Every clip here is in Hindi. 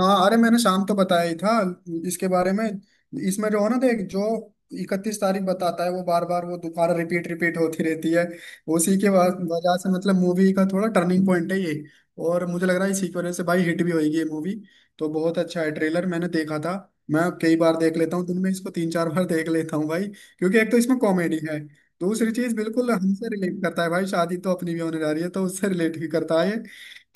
हाँ। अरे मैंने शाम तो बताया ही था इसके बारे में। इसमें जो है ना, देख, जो 31 तारीख बताता है, वो बार बार, वो दोबारा रिपीट रिपीट होती रहती है। उसी के वजह से मतलब मूवी का थोड़ा टर्निंग पॉइंट है ये। और मुझे लग रहा है इसी की वजह से भाई हिट भी होगी ये मूवी। तो बहुत अच्छा है ट्रेलर, मैंने देखा था। मैं कई बार देख लेता हूँ दिन में, इसको 3 4 बार देख लेता हूँ भाई। क्योंकि एक तो इसमें कॉमेडी है। दूसरी चीज बिल्कुल हमसे रिलेट करता है भाई, शादी तो अपनी भी होने जा रही है तो उससे रिलेट भी करता है।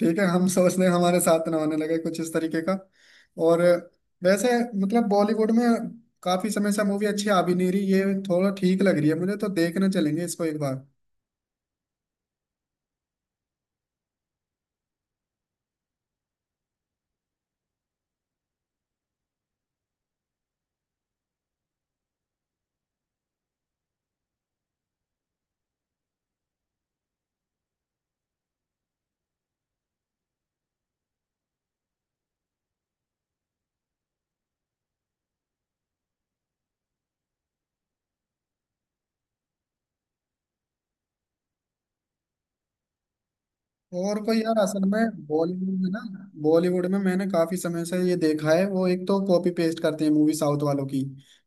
ठीक है, हम सोचने हमारे साथ ना होने लगे कुछ इस तरीके का। और वैसे मतलब बॉलीवुड में काफी समय से मूवी अच्छी आ भी नहीं रही, ये थोड़ा ठीक लग रही है, मुझे तो देखने चलेंगे इसको एक बार। और कोई यार असल में बॉलीवुड में ना, बॉलीवुड में मैंने काफी समय से ये देखा है, वो एक तो कॉपी पेस्ट करते हैं मूवी साउथ वालों की।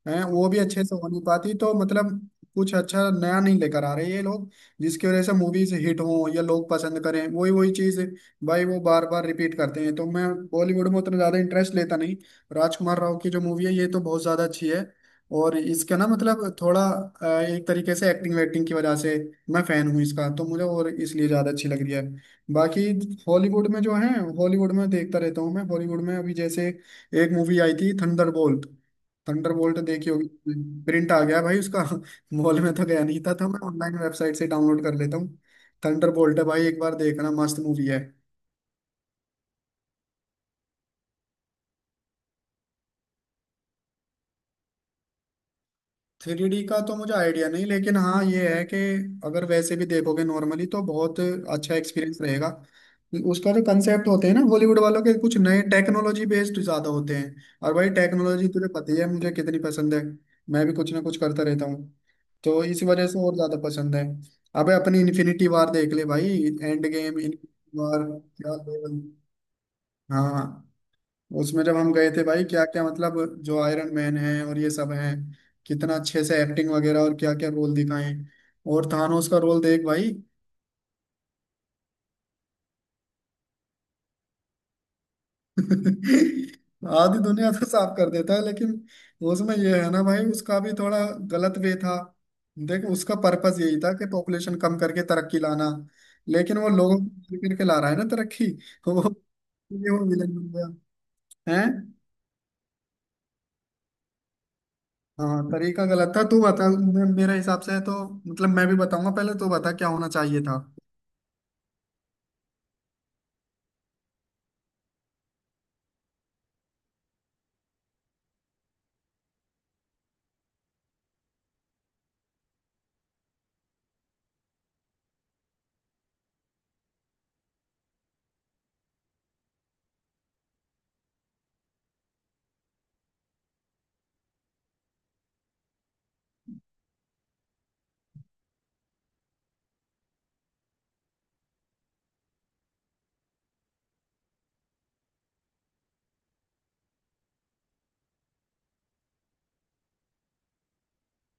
हैं, वो भी अच्छे से हो नहीं पाती तो मतलब कुछ अच्छा नया नहीं लेकर आ रहे ये लोग। जिसकी वजह से मूवीज हिट हो या लोग पसंद करें, वही वही चीज भाई वो बार बार रिपीट करते हैं, तो मैं बॉलीवुड में उतना ज्यादा इंटरेस्ट लेता नहीं। राजकुमार राव की जो मूवी है, ये तो बहुत ज्यादा अच्छी है। और इसका ना मतलब थोड़ा एक तरीके से एक्टिंग वेक्टिंग की वजह से मैं फैन हूँ इसका, तो मुझे और इसलिए ज्यादा अच्छी लग रही है। बाकी हॉलीवुड में जो है, हॉलीवुड में देखता रहता हूँ मैं। हॉलीवुड में अभी जैसे एक मूवी आई थी, थंडरबोल्ट। थंडरबोल्ट देखी होगी, प्रिंट आ गया भाई उसका। मॉल में तो गया नहीं था तो मैं ऑनलाइन वेबसाइट से डाउनलोड कर लेता हूँ। थंडरबोल्ट है भाई, एक बार देखना, मस्त मूवी है। 3D का तो मुझे आइडिया नहीं, लेकिन हाँ ये है कि अगर वैसे भी देखोगे नॉर्मली तो बहुत अच्छा एक्सपीरियंस रहेगा। उसका जो कंसेप्ट होते हैं ना बॉलीवुड वालों के, कुछ नए टेक्नोलॉजी बेस्ड ज्यादा होते हैं। और भाई टेक्नोलॉजी तुझे पता ही है मुझे कितनी पसंद है। मैं भी कुछ ना कुछ करता रहता हूँ, तो इस वजह से और ज्यादा पसंद है। अबे अपनी इन्फिनिटी वार देख ले भाई, एंड गेम, इन्फिनिटी वार, क्या लेवल। हाँ, उसमें जब हम गए थे भाई, क्या क्या मतलब। जो आयरन मैन है और ये सब हैं, कितना अच्छे से एक्टिंग वगैरह और क्या क्या रोल दिखाए। और थानोस का रोल देख भाई। आधी दुनिया तो साफ कर देता है लेकिन उसमें ये है ना भाई, उसका भी थोड़ा गलत वे था। देख उसका पर्पस यही था कि पॉपुलेशन कम करके तरक्की लाना, लेकिन वो लोगों को मार करके ला रहा है ना तरक्की। तो वो विलन बन गया है। हाँ तरीका गलत था। तू बता, मेरे हिसाब से तो मतलब मैं भी बताऊंगा, पहले तू बता क्या होना चाहिए था।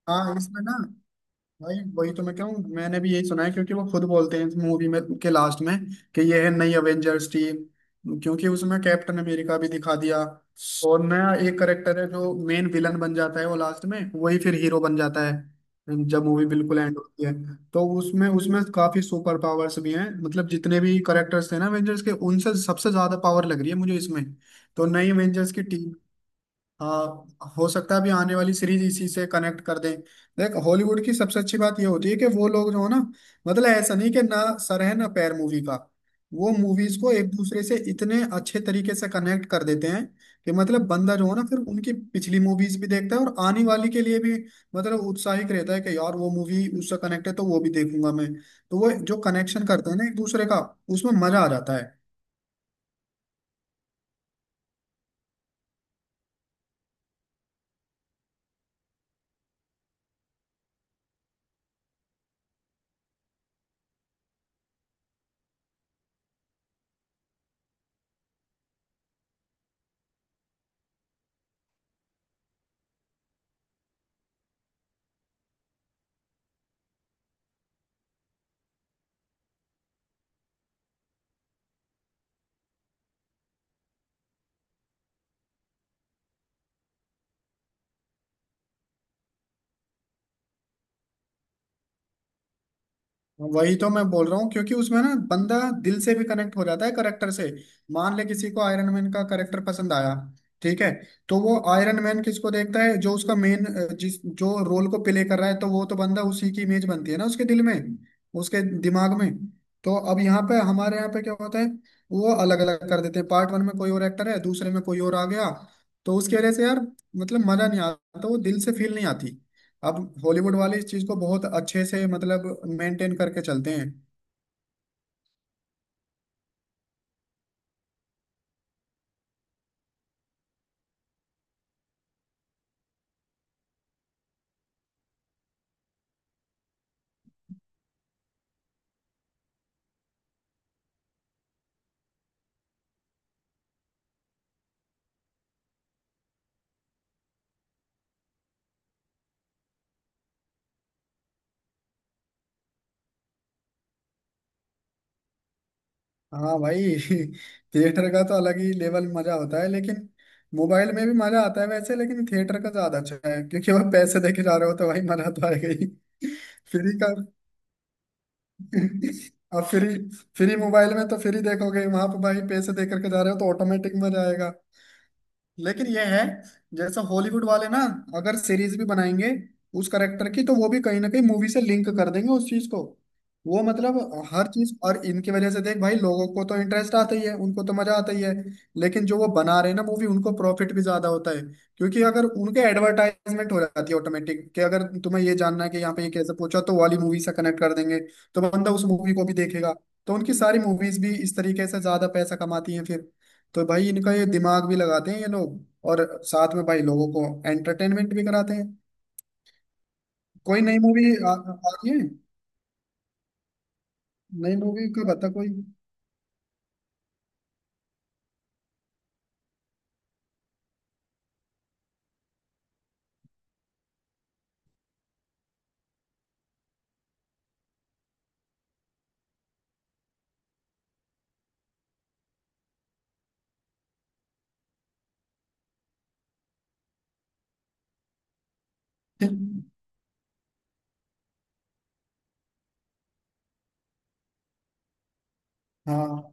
हाँ इसमें ना भाई, वही तो मैं कहूँ, मैंने भी यही सुना है क्योंकि वो खुद बोलते हैं मूवी में के लास्ट में कि ये है नई अवेंजर्स टीम। क्योंकि उसमें कैप्टन अमेरिका भी दिखा दिया और नया एक करेक्टर है जो मेन विलन बन जाता है, वो लास्ट में वही फिर हीरो बन जाता है जब मूवी बिल्कुल एंड होती है। तो उसमें उसमें काफी सुपर पावर्स भी हैं, मतलब जितने भी करेक्टर्स थे ना अवेंजर्स के, उनसे सबसे ज्यादा पावर लग रही है मुझे इसमें। तो नई अवेंजर्स की टीम। हाँ, हो सकता है अभी आने वाली सीरीज इसी से कनेक्ट कर दें। देख हॉलीवुड की सबसे अच्छी बात ये होती है कि वो लोग जो है ना, मतलब ऐसा नहीं कि ना सर है ना पैर मूवी का। वो मूवीज को एक दूसरे से इतने अच्छे तरीके से कनेक्ट कर देते हैं कि मतलब बंदा जो है ना, फिर उनकी पिछली मूवीज भी देखता है और आने वाली के लिए भी मतलब उत्साहित रहता है कि यार वो मूवी उससे कनेक्ट है तो वो भी देखूंगा मैं। तो वो जो कनेक्शन करते हैं ना एक दूसरे का, उसमें मजा आ जाता है। वही तो मैं बोल रहा हूँ क्योंकि उसमें ना बंदा दिल से भी कनेक्ट हो जाता है करेक्टर से। मान ले किसी को आयरन मैन का करेक्टर पसंद आया, ठीक है, तो वो आयरन मैन किसको देखता है जो उसका मेन, जिस जो रोल को प्ले कर रहा है, तो वो तो बंदा उसी की इमेज बनती है ना उसके दिल में, उसके दिमाग में। तो अब यहाँ पे हमारे यहाँ पे क्या होता है, वो अलग अलग कर देते हैं, पार्ट वन में कोई और एक्टर है, दूसरे में कोई और आ गया। तो उसकी वजह से यार मतलब मजा नहीं आता, तो वो दिल से फील नहीं आती। अब हॉलीवुड वाले इस चीज को बहुत अच्छे से मतलब मेंटेन करके चलते हैं। हाँ भाई। थिएटर का तो अलग ही लेवल मजा होता है, लेकिन मोबाइल में भी मजा आता है वैसे, लेकिन थिएटर का ज्यादा अच्छा है क्योंकि वह पैसे देके जा रहे हो तो भाई मजा तो आएगा ही। फ्री का। अब फ्री, मोबाइल में तो फ्री देखोगे, वहां पर भाई पैसे दे करके जा रहे हो तो ऑटोमेटिक मजा आएगा। लेकिन ये है, जैसे हॉलीवुड वाले ना, अगर सीरीज भी बनाएंगे उस करेक्टर की, तो वो भी कहीं ना कहीं मूवी से लिंक कर देंगे उस चीज को। वो मतलब हर चीज, और इनकी वजह से देख भाई, लोगों को तो इंटरेस्ट आता ही है, उनको तो मजा आता ही है, लेकिन जो वो बना रहे हैं ना मूवी, उनको प्रॉफिट भी ज्यादा होता है। क्योंकि अगर उनके एडवर्टाइजमेंट हो जाती है ऑटोमेटिक कि अगर तुम्हें ये जानना है कि यहाँ पे ये कैसे पूछा तो वाली मूवी से कनेक्ट कर देंगे, तो बंदा उस मूवी को भी देखेगा। तो उनकी सारी मूवीज भी इस तरीके से ज्यादा पैसा कमाती हैं फिर। तो भाई इनका ये दिमाग भी लगाते हैं ये लोग। और साथ में भाई लोगों को एंटरटेनमेंट भी कराते हैं। कोई नई मूवी आ रही है? नई मूवी का बता कोई। हाँ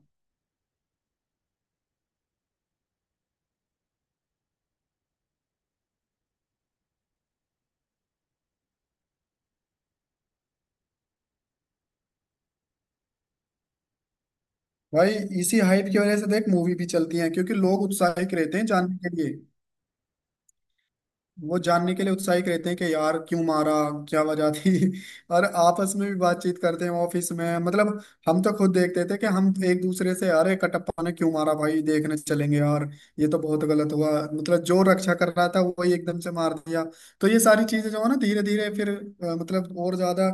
भाई, इसी हाइप की वजह से देख मूवी भी चलती है क्योंकि लोग उत्साहित रहते हैं जानने के लिए। वो जानने के लिए उत्साहित रहते हैं कि यार क्यों मारा, क्या वजह थी। और आपस में भी बातचीत करते हैं ऑफिस में मतलब। हम तो खुद देखते थे कि हम एक दूसरे से, अरे कटप्पा ने क्यों मारा भाई, देखने चलेंगे यार, ये तो बहुत गलत हुआ, मतलब जो रक्षा कर रहा था वही एकदम से मार दिया। तो ये सारी चीजें जो है ना, धीरे धीरे फिर मतलब और ज्यादा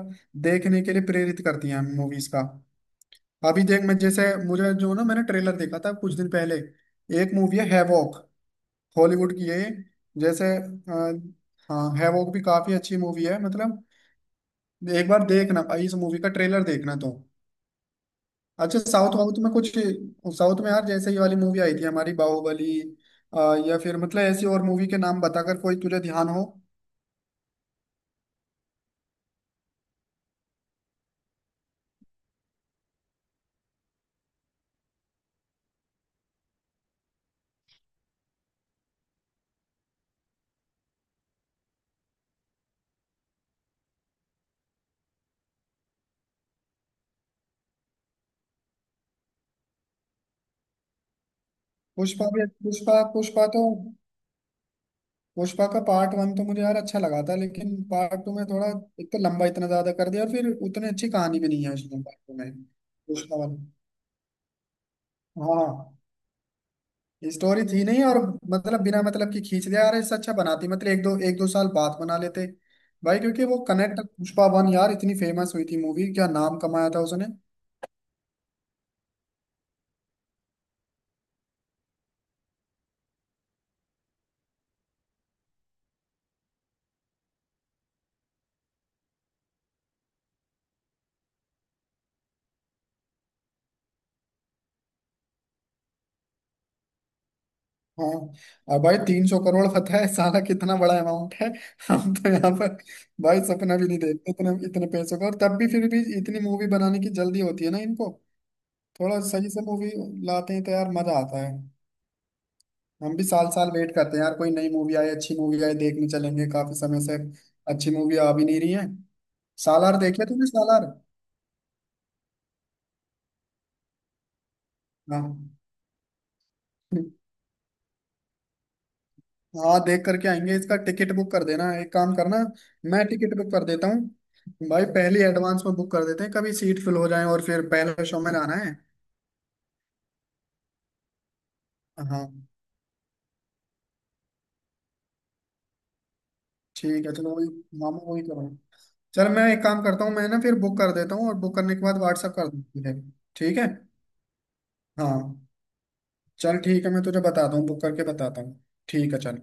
देखने के लिए प्रेरित करती हैं मूवीज का। अभी देख मैं जैसे, मुझे जो ना मैंने ट्रेलर देखा था कुछ दिन पहले, एक मूवी है हैवॉक, हॉलीवुड की। यही जैसे हाँ हैवॉक भी काफी अच्छी मूवी है मतलब। एक बार देखना भाई, इस मूवी का ट्रेलर देखना तो। अच्छा, साउथ वाउथ में कुछ, साउथ में यार जैसे ये वाली मूवी आई थी हमारी बाहुबली। अ, या फिर मतलब ऐसी और मूवी के नाम बताकर, कोई तुझे ध्यान हो? पुष्पा भी, पुष्पा पुष्पा तो पुष्पा का पार्ट वन तो मुझे यार अच्छा लगा था, लेकिन पार्ट टू में थोड़ा, एक तो लंबा इतना ज्यादा कर दिया और फिर उतनी अच्छी कहानी भी नहीं है उसमें पार्ट टू में। पुष्पा वाला। हाँ स्टोरी थी नहीं और मतलब बिना मतलब की खींच दिया यार, इससे अच्छा बनाती मतलब एक दो, एक दो साल बाद बना लेते भाई। क्योंकि वो कनेक्ट, पुष्पा वन यार इतनी फेमस हुई थी मूवी, क्या नाम कमाया था उसने। हाँ। और भाई 300 करोड़ पता है साला कितना बड़ा अमाउंट है। हम तो यहाँ पर भाई सपना भी नहीं देखते इतने इतने पैसों का, और तब भी फिर भी इतनी मूवी बनाने की जल्दी होती है ना इनको। थोड़ा सही से मूवी लाते हैं तो यार मजा आता है। हम भी साल साल वेट करते हैं यार कोई नई मूवी आए, अच्छी मूवी आए देखने चलेंगे। काफी समय से अच्छी मूवी आ भी नहीं रही है। सालार देखे तूने, सालार? हाँ। हाँ देख करके आएंगे, इसका टिकट बुक कर देना, एक काम करना। मैं टिकट बुक कर देता हूँ भाई, पहले एडवांस में बुक कर देते हैं, कभी सीट फिल हो जाए और फिर पहले शो में जाना है। हाँ ठीक है, चलो वही मामू वही करो। चल मैं एक काम करता हूँ, मैं ना फिर बुक कर देता हूँ और बुक करने के बाद व्हाट्सअप कर दूँ तुझे? ठीक है। हाँ चल ठीक है, मैं तुझे बताता हूँ, बुक करके बताता हूँ। ठीक है चल।